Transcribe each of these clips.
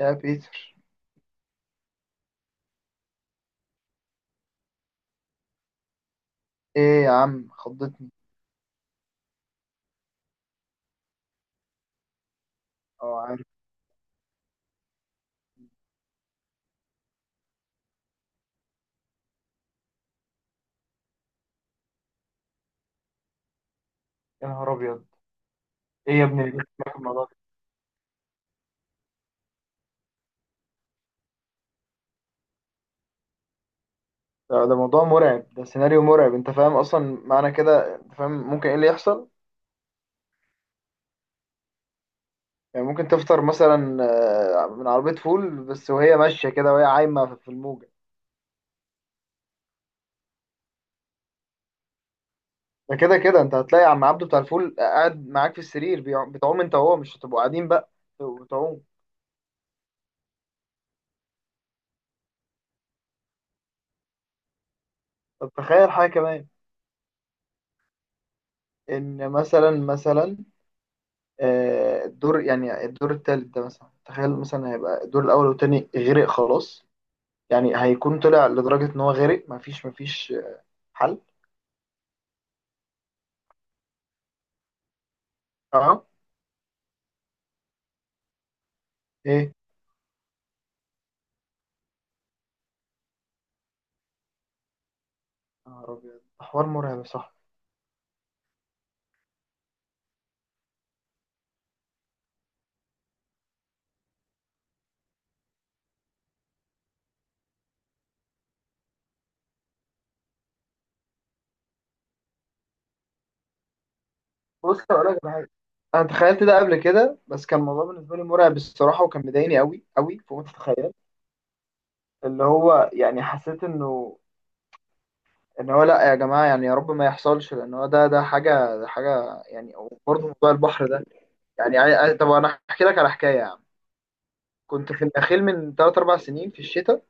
يا بيتر، ايه يا عم خضتني. اه، عارف. يا نهار ابيض، ايه يا ابني اللي جبت معاك الموضوع ده. ده موضوع مرعب، ده سيناريو مرعب. انت فاهم اصلا معنى كده؟ انت فاهم ممكن ايه اللي يحصل؟ يعني ممكن تفطر مثلا، من عربية فول، بس وهي ماشية كده وهي عايمة في الموجة. ده كده كده انت هتلاقي عم عبده بتاع الفول قاعد معاك في السرير بتعوم انت وهو، مش هتبقوا قاعدين بقى بتبقوا بتعوم. طب تخيل حاجة كمان. ان مثلا الدور، يعني الدور التالت ده مثلا، تخيل مثلا هيبقى الدور الأول والتاني غرق خلاص. يعني هيكون طلع لدرجة إن هو غرق، مفيش حل. أه. إيه. يا نهار أبيض، ده حوار مرعب، صح؟ بص أقول لك على حاجة. أنا تخيلت ده قبل كده، بس كان الموضوع بالنسبة لي مرعب الصراحة، وكان مضايقني أوي أوي فوق ما تتخيل. اللي هو يعني حسيت إنه إن هو لأ يا جماعة، يعني يا رب ما يحصلش، لأن هو ده حاجة، ده حاجة يعني. وبرضه موضوع البحر ده يعني طب أنا أحكي لك على حكاية يا عم. كنت في النخيل من 3-4 سنين في الشتاء،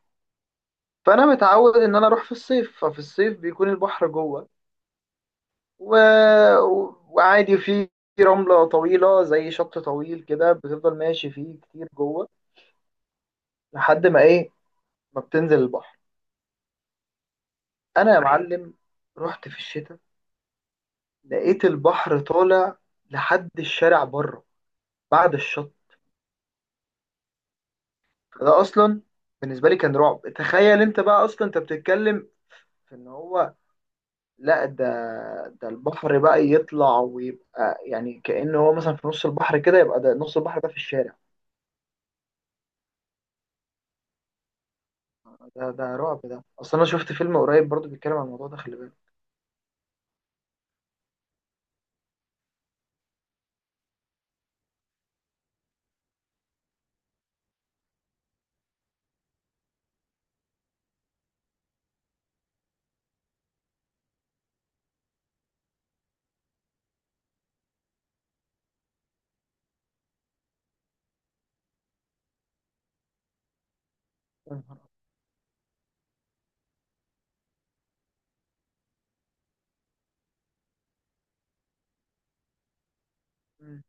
فانا متعود ان انا اروح في الصيف. ففي الصيف بيكون البحر جوه و... وعادي في رملة طويلة، زي شط طويل كده، بتفضل ماشي فيه كتير جوه لحد ما ايه، ما بتنزل البحر. انا يا معلم رحت في الشتاء، لقيت البحر طالع لحد الشارع بره بعد الشط. ده اصلا بالنسبة لي كان رعب. تخيل انت بقى اصلا، انت بتتكلم في ان هو، لا ده، ده البحر بقى يطلع ويبقى يعني كأنه هو مثلا في نص البحر كده، يبقى ده نص البحر ده في الشارع. ده رعب. ده اصلا انا شفت فيلم قريب برضو بيتكلم عن الموضوع ده، خلي بالك. يا نهار أبيض. مم.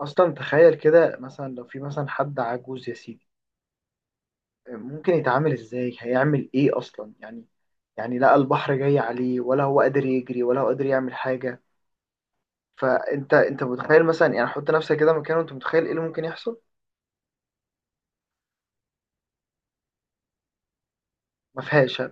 اصلا تخيل كده مثلا لو في مثلا حد عجوز يا سيدي، ممكن يتعامل ازاي، هيعمل ايه اصلا يعني؟ يعني لقى البحر جاي عليه، ولا هو قادر يجري ولا هو قادر يعمل حاجة. فانت متخيل مثلا، يعني حط نفسك كده مكانه، انت متخيل ايه اللي ممكن يحصل؟ ما فيهاش.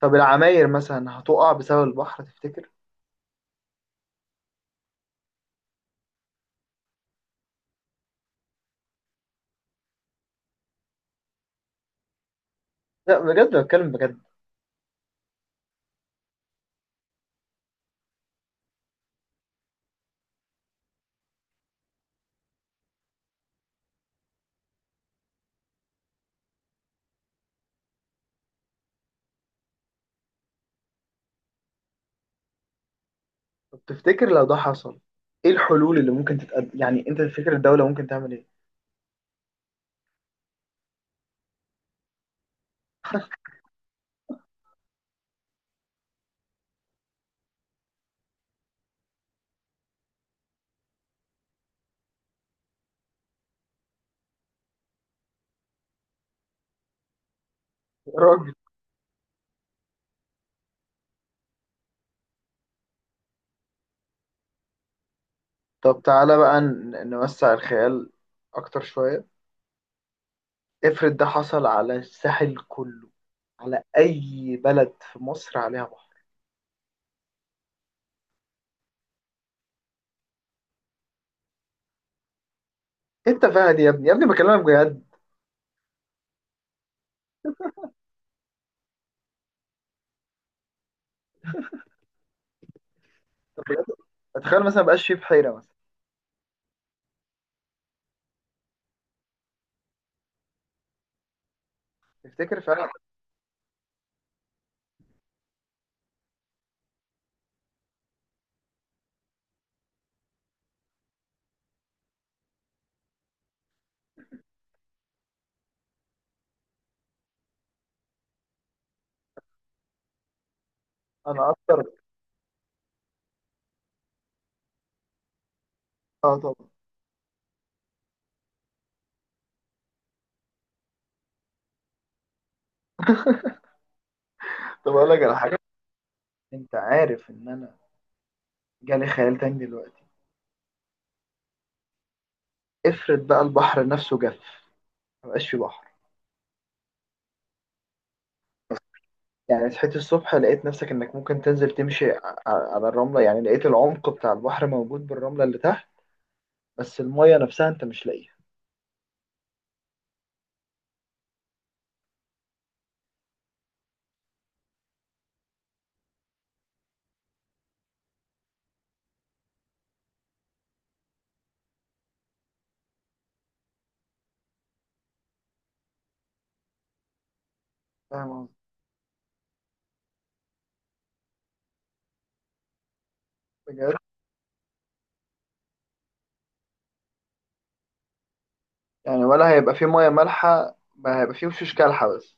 طب العماير مثلا هتقع بسبب البحر، تفتكر؟ لا بجد، بتكلم بجد. طب تفتكر لو ده حصل ايه الحلول اللي ممكن تتقدم؟ يعني انت تفتكر الدولة ممكن تعمل ايه؟ يا راجل. طب تعالى بقى نوسع الخيال اكتر شوية. افرض ده حصل على الساحل كله، على اي بلد في مصر عليها بحر. انت فاهم يا ابني، يا ابني بكلمك بجد. طب بجد، اتخيل مثلا مبقاش فيه بحيرة مثلا. تفتكر فعلا؟ انا اكتر. اه طبعا. طب اقول لك على حاجة، انت عارف ان انا جالي خيال تاني دلوقتي. افرض بقى البحر نفسه جف، مبقاش فيه بحر. يعني صحيت الصبح لقيت نفسك انك ممكن تنزل تمشي على الرملة، يعني لقيت العمق بتاع البحر موجود بالرملة اللي تحت، بس المية نفسها انت مش لاقيها. فاهم قصدي؟ بجد. يعني ولا هيبقى فيه مية مالحة، ما هيبقى فيه وشوش كالحة بس.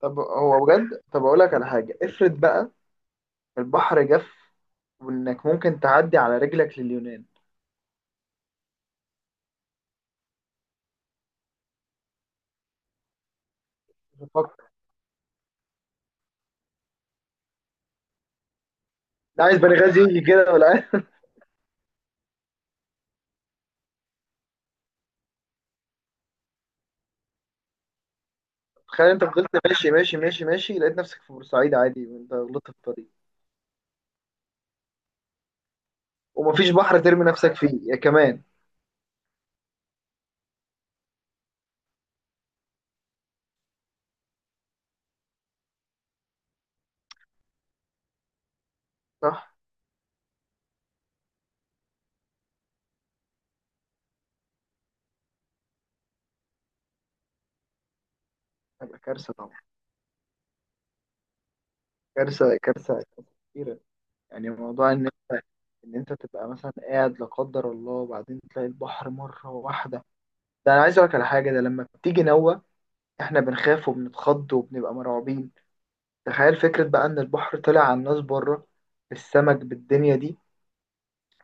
طب هو بجد. طب اقول لك على حاجة، افرض بقى البحر جف، وانك ممكن تعدي على رجلك لليونان. فكر. لا عايز بنغازي يجي كده، ولا عايز تخيل انت فضلت ماشي ماشي ماشي ماشي لقيت نفسك في بورسعيد عادي وانت غلطت في الطريق، ومفيش بحر ترمي نفسك فيه يا كمان. صح، هتبقى كارثة طبعا. كارثة كارثة كارثة كبيرة. يعني موضوع إن أنت تبقى مثلا قاعد لا قدر الله، وبعدين تلاقي البحر مرة واحدة. ده أنا عايز أقولك على حاجة، ده لما بتيجي نوة إحنا بنخاف وبنتخض وبنبقى مرعوبين. تخيل فكرة بقى إن البحر طلع على الناس بره، بالسمك، بالدنيا دي،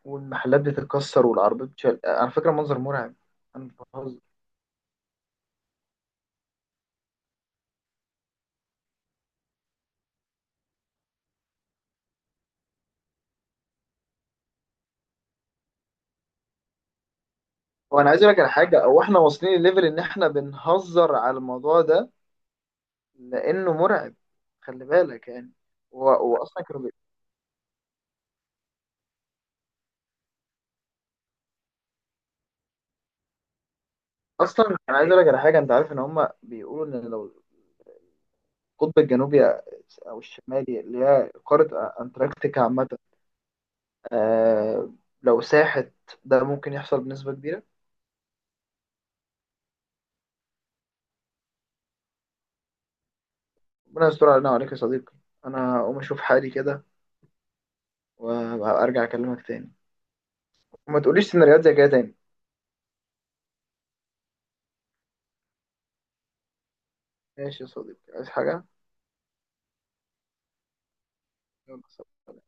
والمحلات بتتكسر والعربيات بتشال، على فكرة منظر مرعب. أنا مش بهزر. وأنا عايز أقولك على حاجة، أو إحنا واصلين لليفل إن إحنا بنهزر على الموضوع ده لانه مرعب. خلي بالك يعني. هو اصلا كانوا اصلا انا عايز اقول لك على حاجه، انت عارف ان هم بيقولوا ان لو القطب الجنوبي او الشمالي، اللي هي قاره انتاركتيكا عامه، آه لو ساحت، ده ممكن يحصل بنسبه كبيره. ربنا يستر علينا وعليك يا صديقي. انا هقوم اشوف حالي كده، وارجع اكلمك تاني. وما تقوليش سيناريوهات زي كده تاني. ماشي يا صديقي، عايز حاجه؟ يلا سلام.